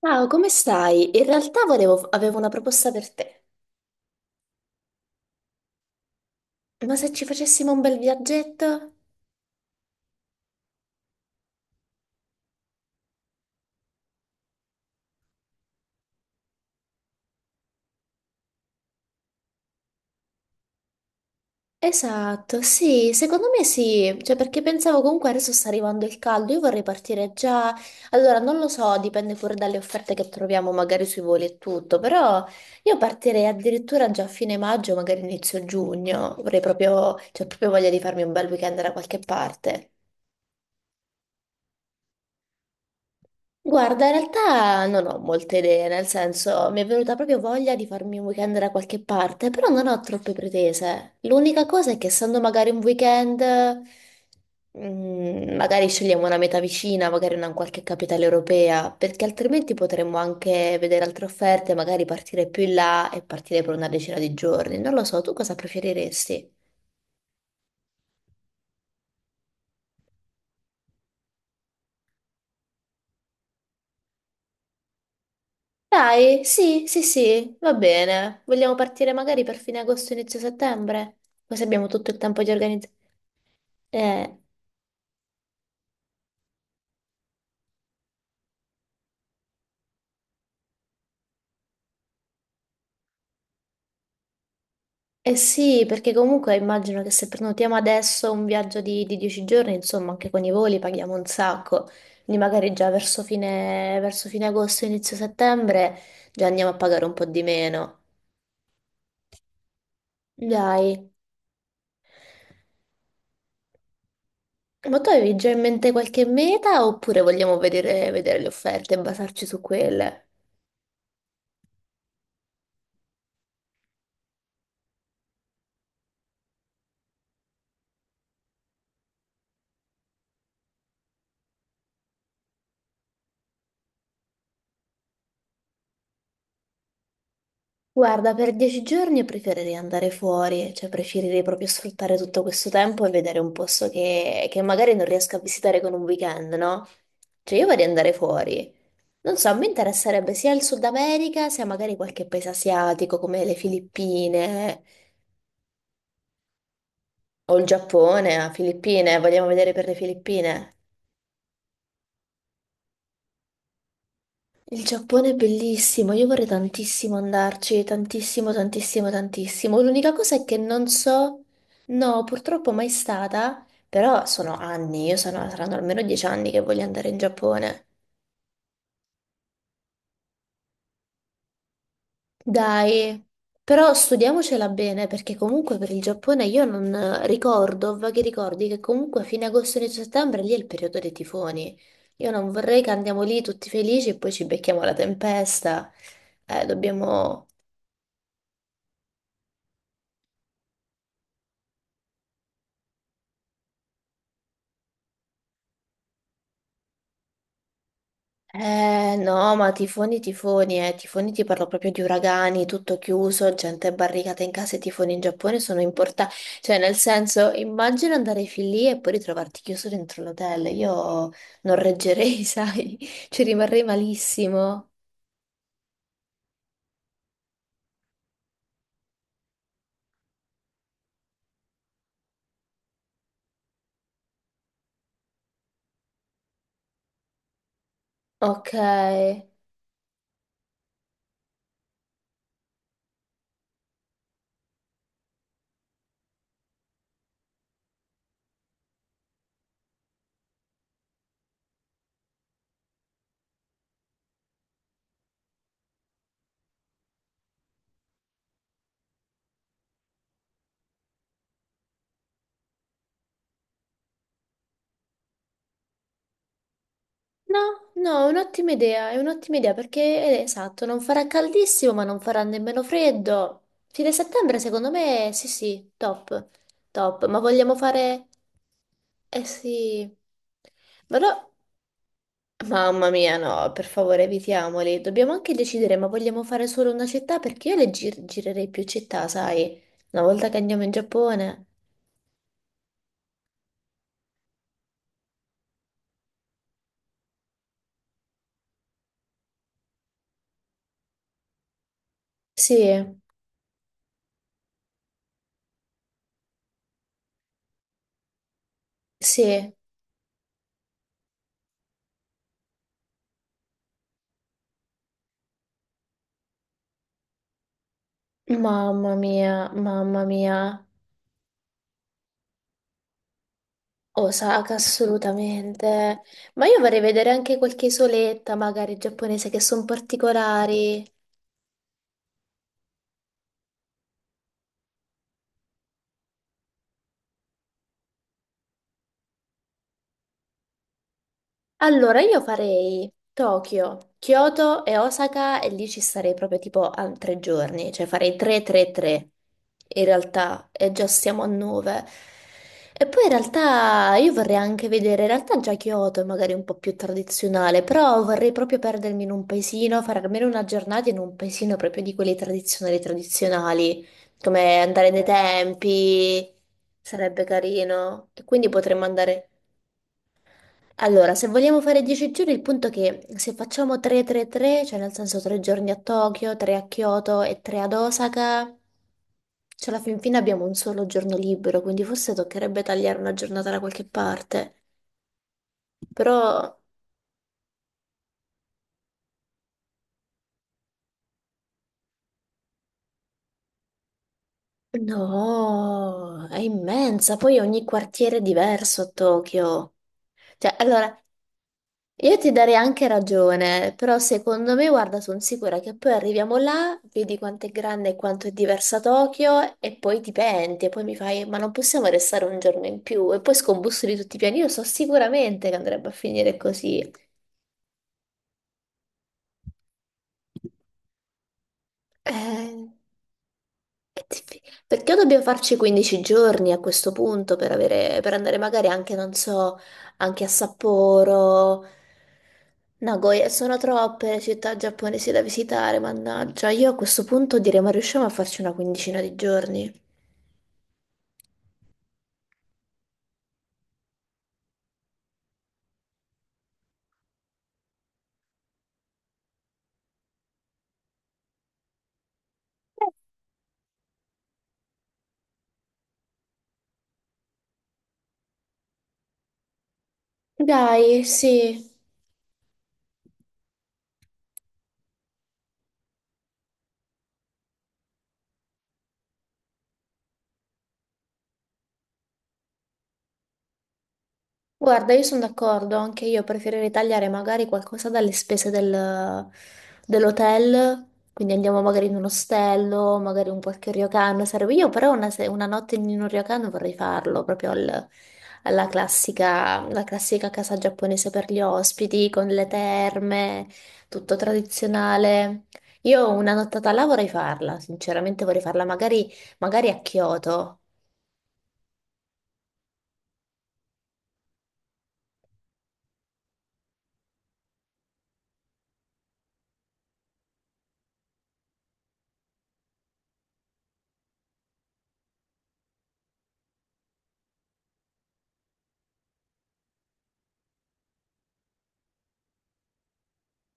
Ciao, come stai? In realtà avevo una proposta per te. Ma se ci facessimo un bel viaggetto? Esatto, sì, secondo me sì, cioè perché pensavo comunque adesso sta arrivando il caldo, io vorrei partire già, allora non lo so, dipende pure dalle offerte che troviamo magari sui voli e tutto, però io partirei addirittura già a fine maggio, magari inizio giugno, vorrei proprio, cioè proprio voglia di farmi un bel weekend da qualche parte. Guarda, in realtà non ho molte idee, nel senso mi è venuta proprio voglia di farmi un weekend da qualche parte, però non ho troppe pretese. L'unica cosa è che essendo magari un weekend, magari scegliamo una meta vicina, magari una in qualche capitale europea, perché altrimenti potremmo anche vedere altre offerte, magari partire più in là e partire per una decina di giorni. Non lo so, tu cosa preferiresti? Dai, sì, sì, sì, va bene. Vogliamo partire magari per fine agosto, inizio settembre? Così abbiamo tutto il tempo di organizzare. Eh, eh sì, perché comunque immagino che se prenotiamo adesso un viaggio di 10 giorni, insomma, anche con i voli paghiamo un sacco. Quindi magari già verso fine agosto, inizio settembre, già andiamo a pagare un po' di meno. Dai, ma tu avevi già in mente qualche meta oppure vogliamo vedere le offerte e basarci su quelle? Guarda, per dieci giorni preferirei andare fuori, cioè preferirei proprio sfruttare tutto questo tempo e vedere un posto che magari non riesco a visitare con un weekend, no? Cioè io vorrei andare fuori. Non so, mi interesserebbe sia il Sud America, sia magari qualche paese asiatico come le Filippine o il Giappone, ah, Filippine, vogliamo vedere per le Filippine? Il Giappone è bellissimo, io vorrei tantissimo andarci, tantissimo, tantissimo, tantissimo. L'unica cosa è che non so, no, purtroppo mai stata, però sono anni, io sono, saranno almeno dieci anni che voglio andare in Giappone. Dai, però studiamocela bene, perché comunque per il Giappone io non ricordo, ho vaghi ricordi che comunque a fine agosto, inizio settembre, lì è il periodo dei tifoni. Io non vorrei che andiamo lì tutti felici e poi ci becchiamo la tempesta. Dobbiamo... Eh no, ma tifoni, tifoni, tifoni ti parlo proprio di uragani, tutto chiuso, gente barricata in casa, i tifoni in Giappone sono importanti, cioè nel senso, immagino andare fin lì e poi ritrovarti chiuso dentro l'hotel, io non reggerei, sai, ci rimarrei malissimo. Ok. No, no, è un'ottima idea perché è esatto, non farà caldissimo ma non farà nemmeno freddo. Fine settembre secondo me sì sì, top, top, ma vogliamo fare... Eh sì, ma no, mamma mia no, per favore evitiamoli, dobbiamo anche decidere ma vogliamo fare solo una città perché io girerei più città, sai, una volta che andiamo in Giappone. Sì, sì, mamma mia, mamma mia. Osaka, assolutamente. Ma io vorrei vedere anche qualche isoletta, magari giapponese, che sono particolari. Allora io farei Tokyo, Kyoto e Osaka e lì ci starei proprio tipo a tre giorni, cioè farei 3-3-3 in realtà e già siamo a 9. E poi in realtà io vorrei anche vedere, in realtà già Kyoto è magari un po' più tradizionale, però vorrei proprio perdermi in un paesino, fare almeno una giornata in un paesino proprio di quelli tradizionali tradizionali, come andare nei tempi, sarebbe carino. E quindi potremmo andare... Allora, se vogliamo fare 10 giorni, il punto è che se facciamo 3-3-3, cioè nel senso 3 giorni a Tokyo, 3 a Kyoto e 3 ad Osaka, cioè alla fin fine abbiamo un solo giorno libero, quindi forse toccherebbe tagliare una giornata da qualche parte. Però no, è immensa, poi ogni quartiere è diverso a Tokyo. Cioè, allora, io ti darei anche ragione, però secondo me, guarda, sono sicura che poi arriviamo là, vedi quanto è grande e quanto è diversa Tokyo e poi ti penti e poi mi fai, ma non possiamo restare un giorno in più e poi scombussoli tutti i piani. Io so sicuramente che andrebbe a finire così. Eh, È diffi- Perché dobbiamo farci 15 giorni a questo punto per avere, per andare magari anche, non so, anche a Sapporo, Nagoya? Sono troppe le città giapponesi da visitare, mannaggia. Io a questo punto direi, ma riusciamo a farci una quindicina di giorni? Dai, sì. Guarda, io sono d'accordo, anche io preferirei tagliare magari qualcosa dell'hotel, quindi andiamo magari in un ostello, magari un qualche ryokan, sarebbe io però una, una notte in un ryokan vorrei farlo, proprio alla classica, la classica casa giapponese per gli ospiti, con le terme, tutto tradizionale. Io una nottata là vorrei farla, sinceramente vorrei farla magari a Kyoto.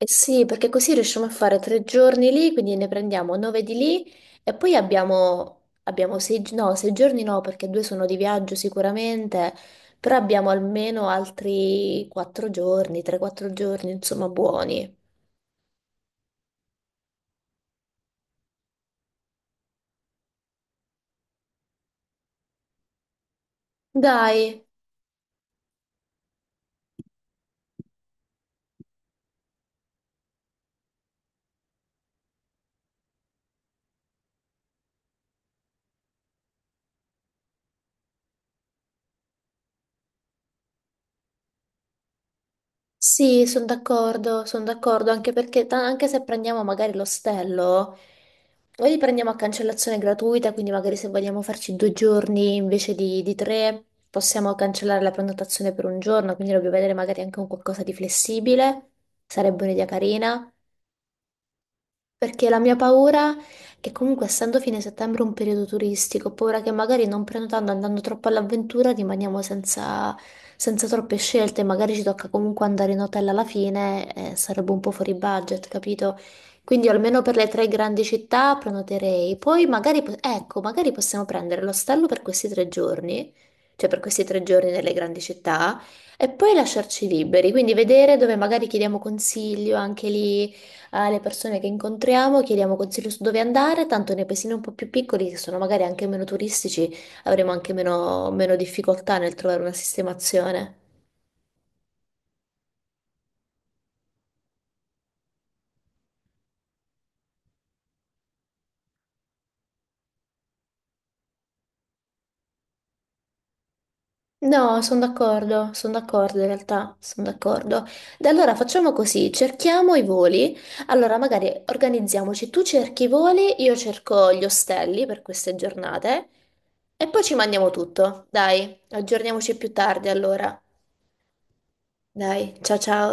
Eh sì, perché così riusciamo a fare tre giorni lì, quindi ne prendiamo nove di lì e poi abbiamo, abbiamo sei, no, sei giorni no, perché due sono di viaggio sicuramente, però abbiamo almeno altri quattro giorni, tre, quattro giorni, insomma, buoni. Dai, sì, sono d'accordo, anche perché anche se prendiamo magari l'ostello, o li prendiamo a cancellazione gratuita, quindi magari se vogliamo farci due giorni invece di tre, possiamo cancellare la prenotazione per un giorno, quindi dobbiamo vedere magari anche un qualcosa di flessibile, sarebbe un'idea carina. Perché la mia paura è comunque, essendo fine settembre un periodo turistico, ho paura che magari non prenotando, andando troppo all'avventura, rimaniamo senza, senza troppe scelte. Magari ci tocca comunque andare in hotel alla fine, sarebbe un po' fuori budget, capito? Quindi almeno per le tre grandi città prenoterei. Poi magari, ecco, magari possiamo prendere l'ostello per questi tre giorni, cioè per questi tre giorni nelle grandi città, e poi lasciarci liberi. Quindi vedere dove magari chiediamo consiglio anche lì alle persone che incontriamo, chiediamo consigli su dove andare, tanto nei paesini un po' più piccoli, che sono magari anche meno turistici, avremo anche meno, meno difficoltà nel trovare una sistemazione. No, sono d'accordo in realtà, sono d'accordo. Da allora facciamo così, cerchiamo i voli, allora magari organizziamoci, tu cerchi i voli, io cerco gli ostelli per queste giornate e poi ci mandiamo tutto, dai, aggiorniamoci più tardi allora. Dai, ciao ciao.